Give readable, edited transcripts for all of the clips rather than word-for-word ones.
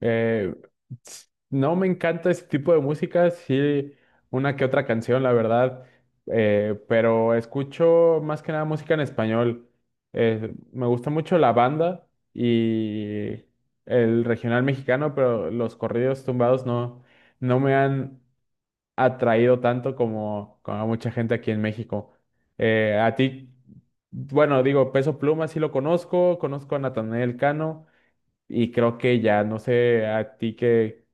Eh, no me encanta ese tipo de música, sí, una que otra canción, la verdad, pero escucho más que nada música en español. Me gusta mucho la banda y el regional mexicano, pero los corridos tumbados no, no me han atraído tanto como a mucha gente aquí en México. A ti, bueno, digo, Peso Pluma sí lo conozco, conozco a Natanael Cano. Y creo que ya, no sé a ti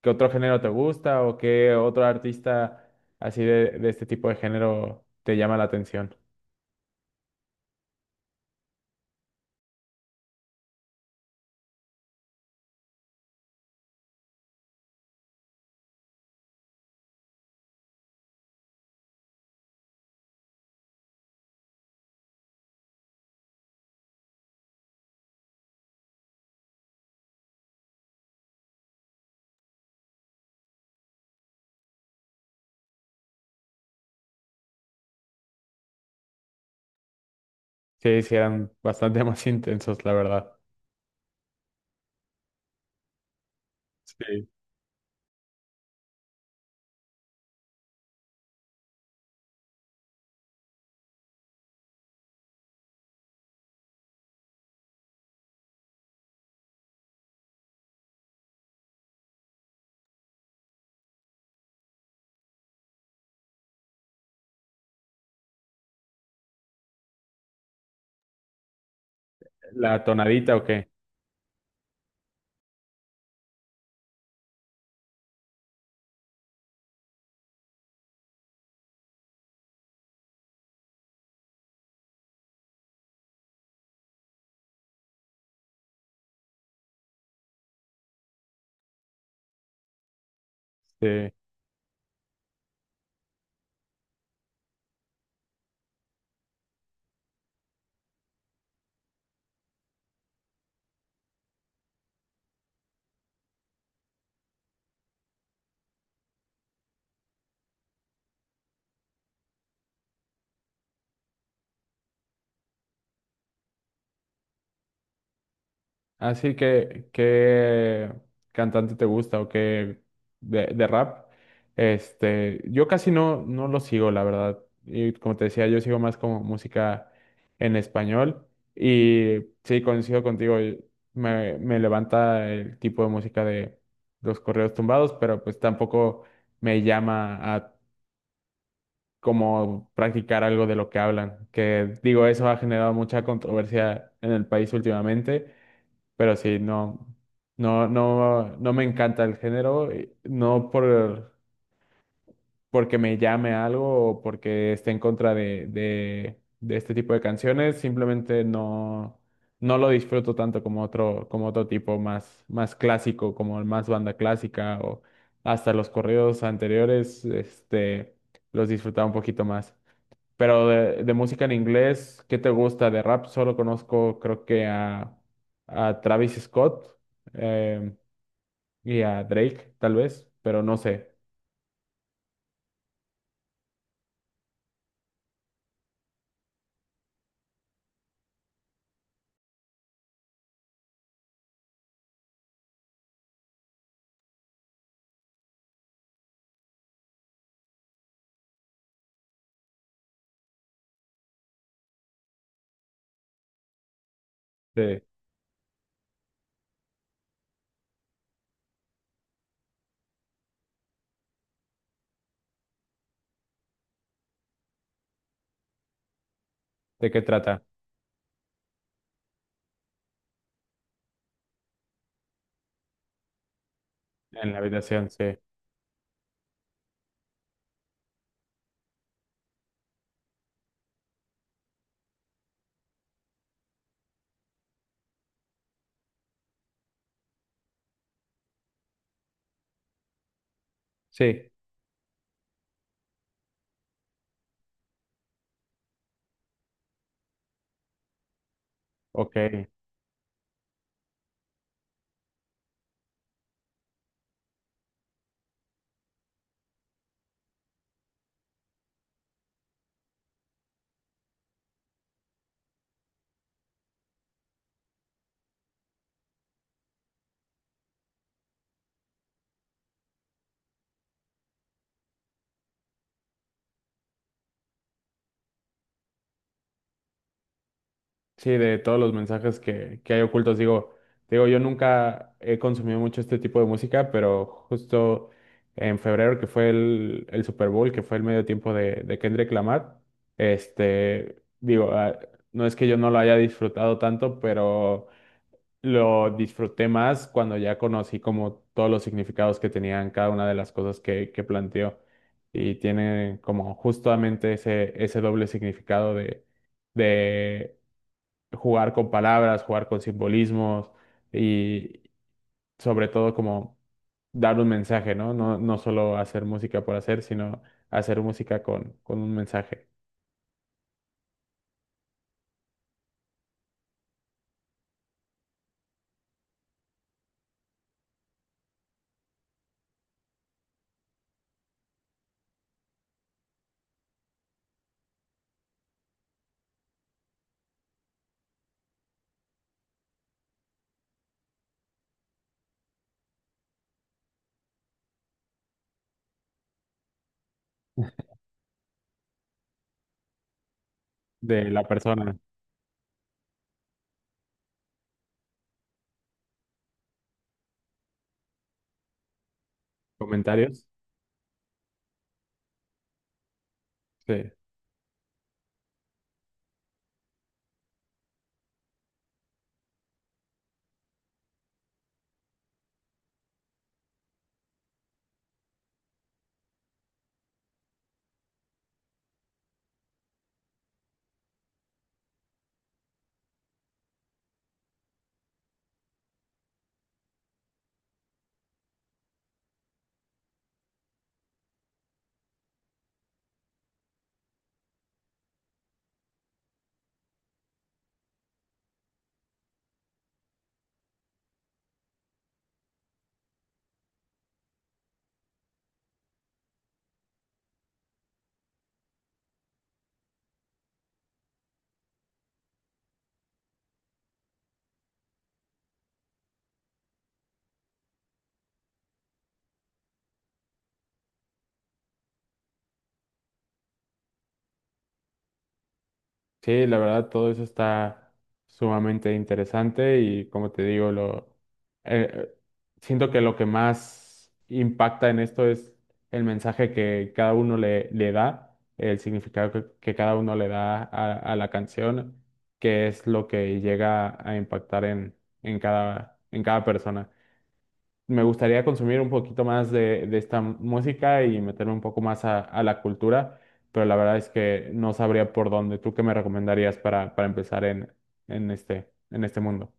qué otro género te gusta o qué otro artista así de este tipo de género te llama la atención. Sí, sí, eran bastante más intensos, la verdad. Sí. ¿La tonadita o qué? Sí. Así que, ¿qué cantante te gusta o qué de rap? Este, yo casi no lo sigo, la verdad. Y como te decía, yo sigo más como música en español. Y sí, coincido contigo, y me levanta el tipo de música de los correos tumbados, pero pues tampoco me llama a como practicar algo de lo que hablan. Que digo, eso ha generado mucha controversia en el país últimamente, pero sí, no, no me encanta el género, no porque me llame algo o porque esté en contra de este tipo de canciones, simplemente no, no lo disfruto tanto como como otro tipo más, más clásico, como el más banda clásica o hasta los corridos anteriores, este, los disfrutaba un poquito más. Pero de música en inglés, ¿qué te gusta? De rap solo conozco, creo que a Travis Scott, em, y a Drake, tal vez, pero no sé de, de qué trata en la habitación. Sí, sí, ok. Sí, de todos los mensajes que hay ocultos, digo, yo nunca he consumido mucho este tipo de música, pero justo en febrero, que fue el Super Bowl, que fue el medio tiempo de Kendrick Lamar, este, digo, ah, no es que yo no lo haya disfrutado tanto, pero lo disfruté más cuando ya conocí como todos los significados que tenían cada una de las cosas que planteó. Y tiene como justamente ese doble significado de jugar con palabras, jugar con simbolismos y sobre todo como dar un mensaje, ¿no? No, no solo hacer música por hacer, sino hacer música con un mensaje de la persona. ¿Comentarios? Sí. Sí, la verdad, todo eso está sumamente interesante y como te digo, lo eh, siento que lo que más impacta en esto es el mensaje que cada uno le da, el significado que cada uno le da a la canción, que es lo que llega a impactar en cada persona. Me gustaría consumir un poquito más de esta música y meterme un poco más a la cultura, pero la verdad es que no sabría por dónde. ¿Tú qué me recomendarías para empezar en este mundo?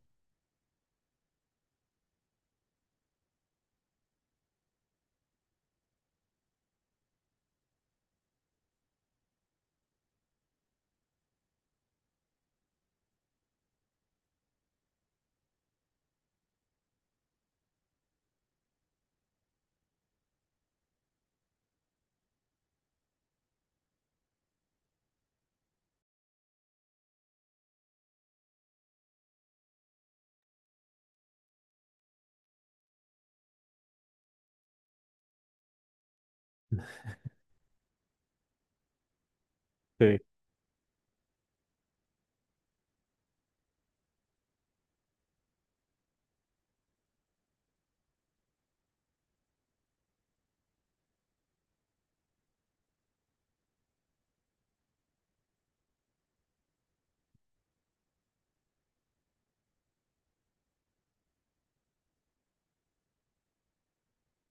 Sí.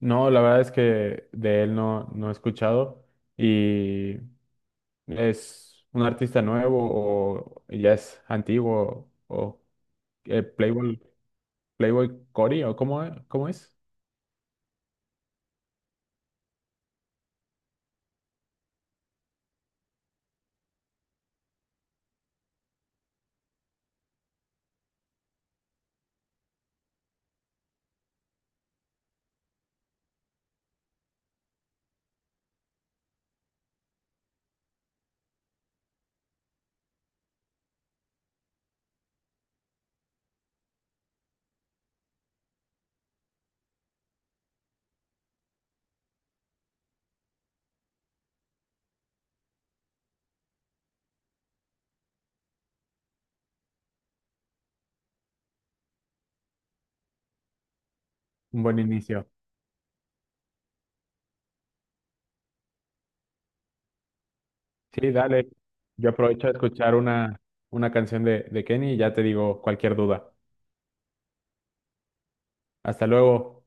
No, la verdad es que de él no, no he escuchado, y es un artista nuevo o ya es antiguo o Playboy, Playboy Cory o cómo es? Un buen inicio. Sí, dale. Yo aprovecho a escuchar una canción de Kenny y ya te digo cualquier duda. Hasta luego.